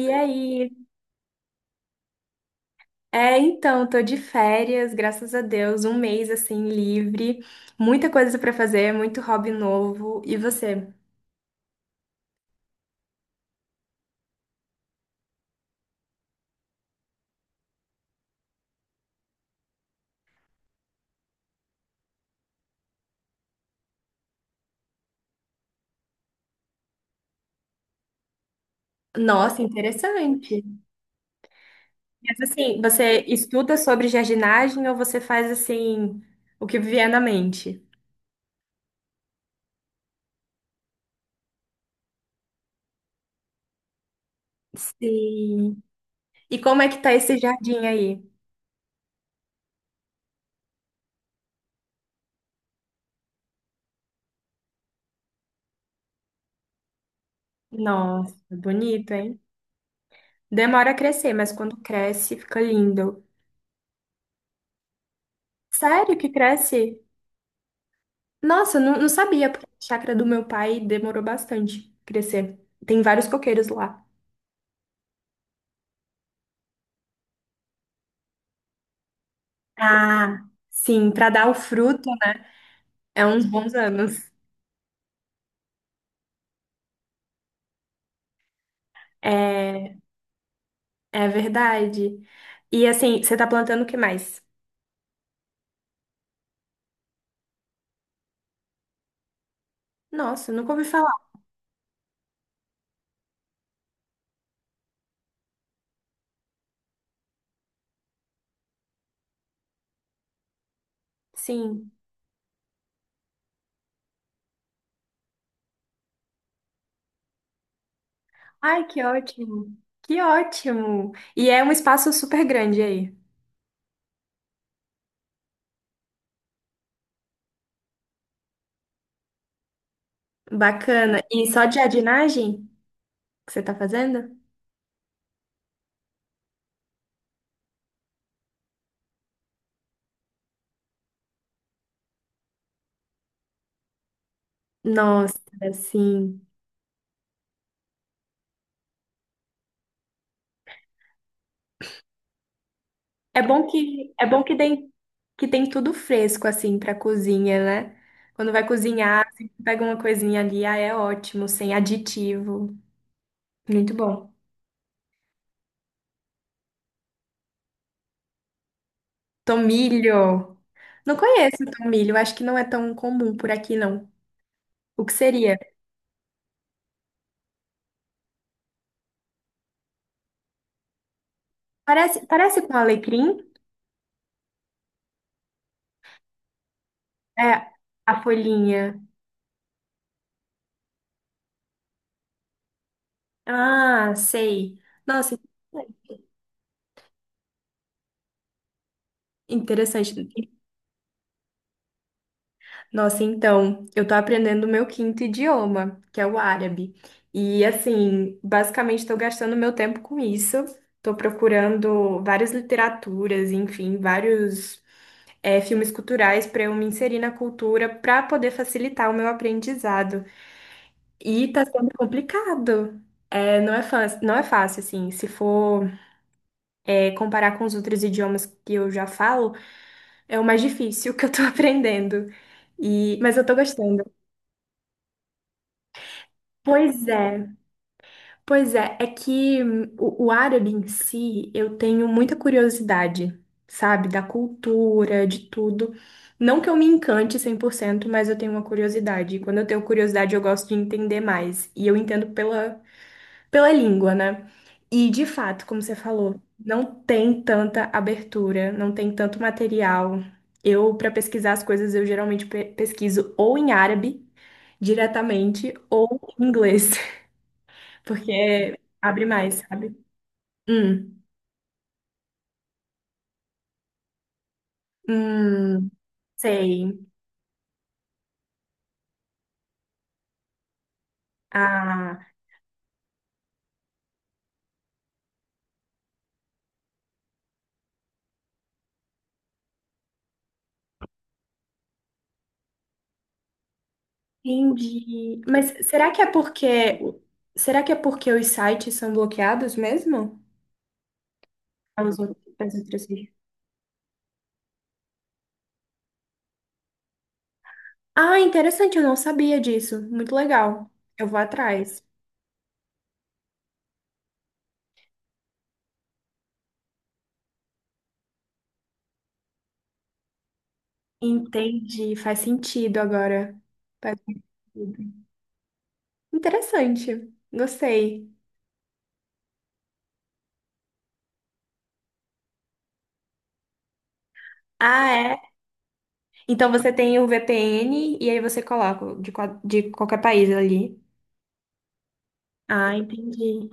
E aí? Então, tô de férias, graças a Deus, um mês assim livre, muita coisa pra fazer, muito hobby novo. E você? Nossa, interessante. Mas assim, você estuda sobre jardinagem ou você faz assim o que vier na mente? Sim. E como é que tá esse jardim aí? Nossa, bonito, hein? Demora a crescer, mas quando cresce, fica lindo. Sério que cresce? Nossa, não sabia, porque a chácara do meu pai demorou bastante crescer. Tem vários coqueiros lá. Ah, sim, para dar o fruto é uns bons anos. É, é verdade. E assim, você tá plantando o que mais? Nossa, nunca ouvi falar. Sim. Ai, que ótimo. Que ótimo. E é um espaço super grande aí. Bacana. E só de jardinagem que você tá fazendo? Nossa, sim. É bom que tem tudo fresco assim para cozinha, né? Quando vai cozinhar, assim, você pega uma coisinha ali, ah, é ótimo, sem aditivo. Muito bom. Tomilho. Não conheço o tomilho, acho que não é tão comum por aqui não. O que seria? Parece com alecrim? É a folhinha. Ah, sei. Nossa, interessante. Nossa, então, eu tô aprendendo o meu quinto idioma, que é o árabe. E assim, basicamente tô gastando meu tempo com isso. Tô procurando várias literaturas, enfim, vários filmes culturais para eu me inserir na cultura para poder facilitar o meu aprendizado. E tá sendo complicado. É, não é fácil, assim. Se for, comparar com os outros idiomas que eu já falo, é o mais difícil que eu tô aprendendo. E, mas eu tô gostando. Pois é. Pois é, é que o árabe em si, eu tenho muita curiosidade, sabe, da cultura, de tudo. Não que eu me encante 100% mas eu tenho uma curiosidade. E quando eu tenho curiosidade, eu gosto de entender mais. E eu entendo pela língua, né? E de fato, como você falou, não tem tanta abertura, não tem tanto material. Eu, para pesquisar as coisas, eu geralmente pesquiso ou em árabe diretamente ou em inglês. Porque abre mais, sabe? Hum, hum, sei. Ah, entendi. Será que é porque os sites são bloqueados mesmo? As outras... regiões? Ah, interessante, eu não sabia disso. Muito legal. Eu vou atrás. Entendi, faz sentido agora. Faz sentido. Interessante, gostei. Ah, é? Então você tem o VPN e aí você coloca de, de qualquer país ali. Ah, entendi.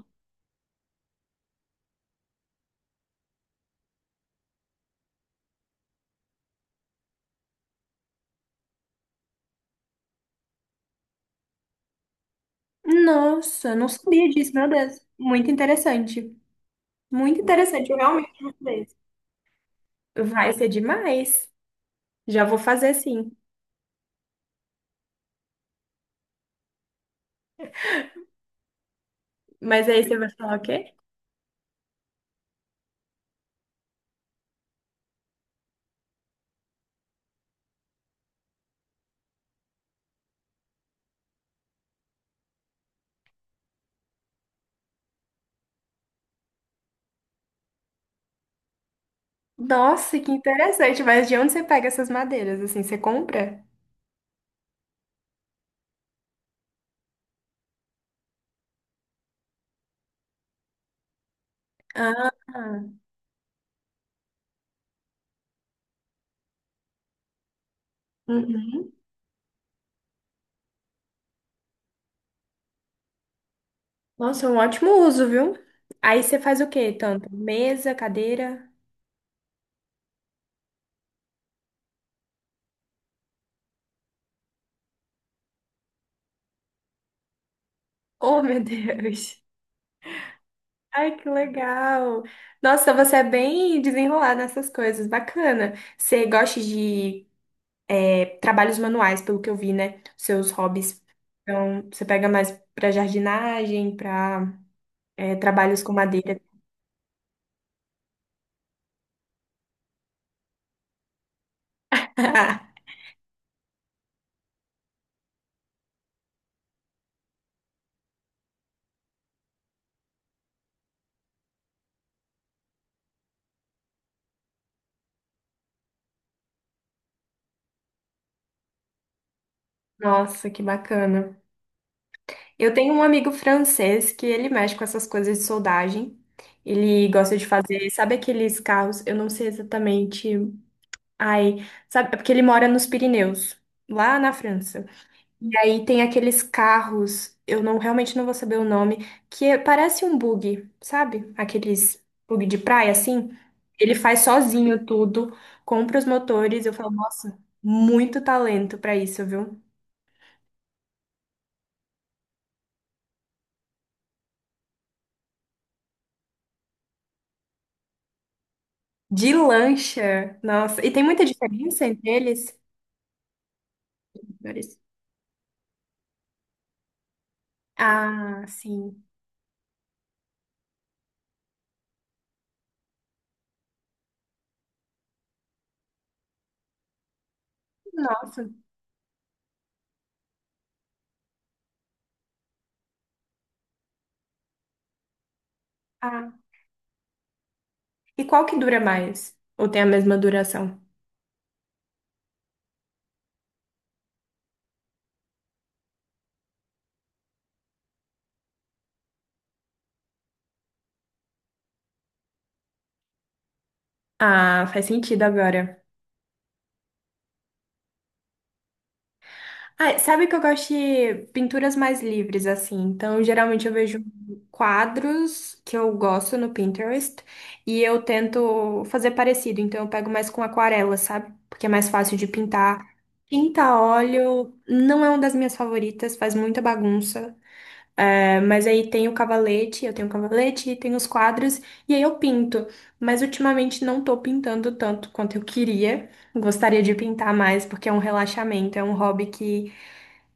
Nossa, não sabia disso, meu Deus. Muito interessante. Muito interessante, eu realmente vou fazer isso. Vai ser demais. Já vou fazer sim. Mas aí você vai falar o quê? Nossa, que interessante. Mas de onde você pega essas madeiras? Assim, você compra? Ah, uhum. Nossa, é um ótimo uso, viu? Aí você faz o quê, tanto? Mesa, cadeira? Oh, meu Deus. Ai, que legal! Nossa, você é bem desenrolada nessas coisas, bacana. Você gosta de trabalhos manuais, pelo que eu vi, né? Seus hobbies. Então, você pega mais pra jardinagem, pra trabalhos com madeira. Nossa, que bacana. Eu tenho um amigo francês que ele mexe com essas coisas de soldagem. Ele gosta de fazer, sabe aqueles carros? Eu não sei exatamente. Ai, sabe? É porque ele mora nos Pirineus, lá na França. E aí tem aqueles carros, eu não realmente não vou saber o nome, parece um bug, sabe? Aqueles bug de praia assim. Ele faz sozinho tudo, compra os motores. Eu falo, nossa, muito talento pra isso, viu? De lancha, nossa. E tem muita diferença entre eles? Motores. Ah, sim. Nossa. Ah. E qual que dura mais? Ou tem a mesma duração? Ah, faz sentido agora. Ah, sabe que eu gosto de pinturas mais livres, assim. Então, geralmente eu vejo quadros que eu gosto no Pinterest e eu tento fazer parecido. Então, eu pego mais com aquarela, sabe? Porque é mais fácil de pintar. Tinta a óleo não é uma das minhas favoritas, faz muita bagunça. É, mas aí tem o cavalete, eu tenho o cavalete, tem os quadros e aí eu pinto. Mas ultimamente não tô pintando tanto quanto eu queria. Gostaria de pintar mais porque é um relaxamento, é um hobby que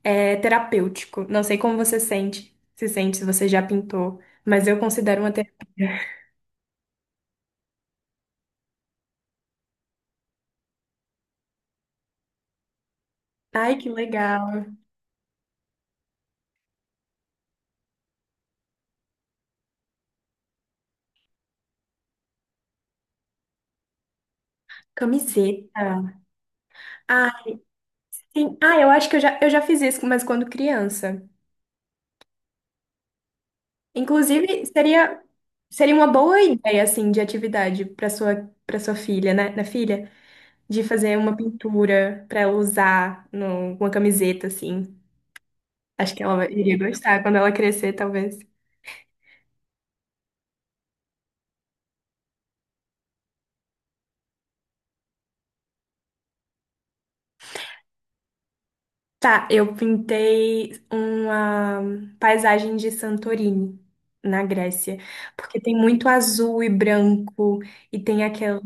é terapêutico. Não sei como você sente, se você já pintou, mas eu considero uma terapia. Ai, que legal. Camiseta. Ah, sim. Ah, eu acho que eu já fiz isso, mas quando criança. Inclusive, seria, seria uma boa ideia, assim, de atividade para sua filha, né? Na filha, de fazer uma pintura para ela usar no, uma camiseta, assim. Acho que ela vai iria gostar quando ela crescer, talvez. Tá, eu pintei uma paisagem de Santorini, na Grécia, porque tem muito azul e branco, e tem aquelas,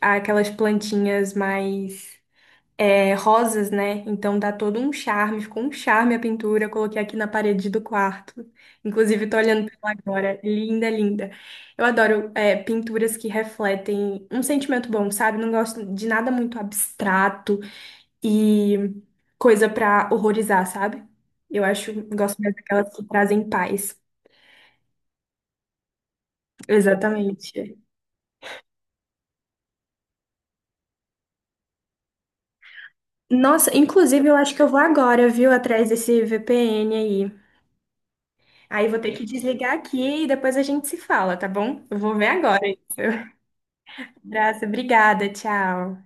aquelas plantinhas mais rosas, né? Então dá todo um charme, ficou um charme a pintura, eu coloquei aqui na parede do quarto. Inclusive, tô olhando pra ela agora, linda, linda. Eu adoro pinturas que refletem um sentimento bom, sabe? Não gosto de nada muito abstrato e coisa pra horrorizar, sabe? Eu acho, gosto mais daquelas que trazem paz. Exatamente. Nossa, inclusive eu acho que eu vou agora, viu, atrás desse VPN aí. Aí vou ter que desligar aqui e depois a gente se fala, tá bom? Eu vou ver agora isso. Abraço, obrigada, tchau.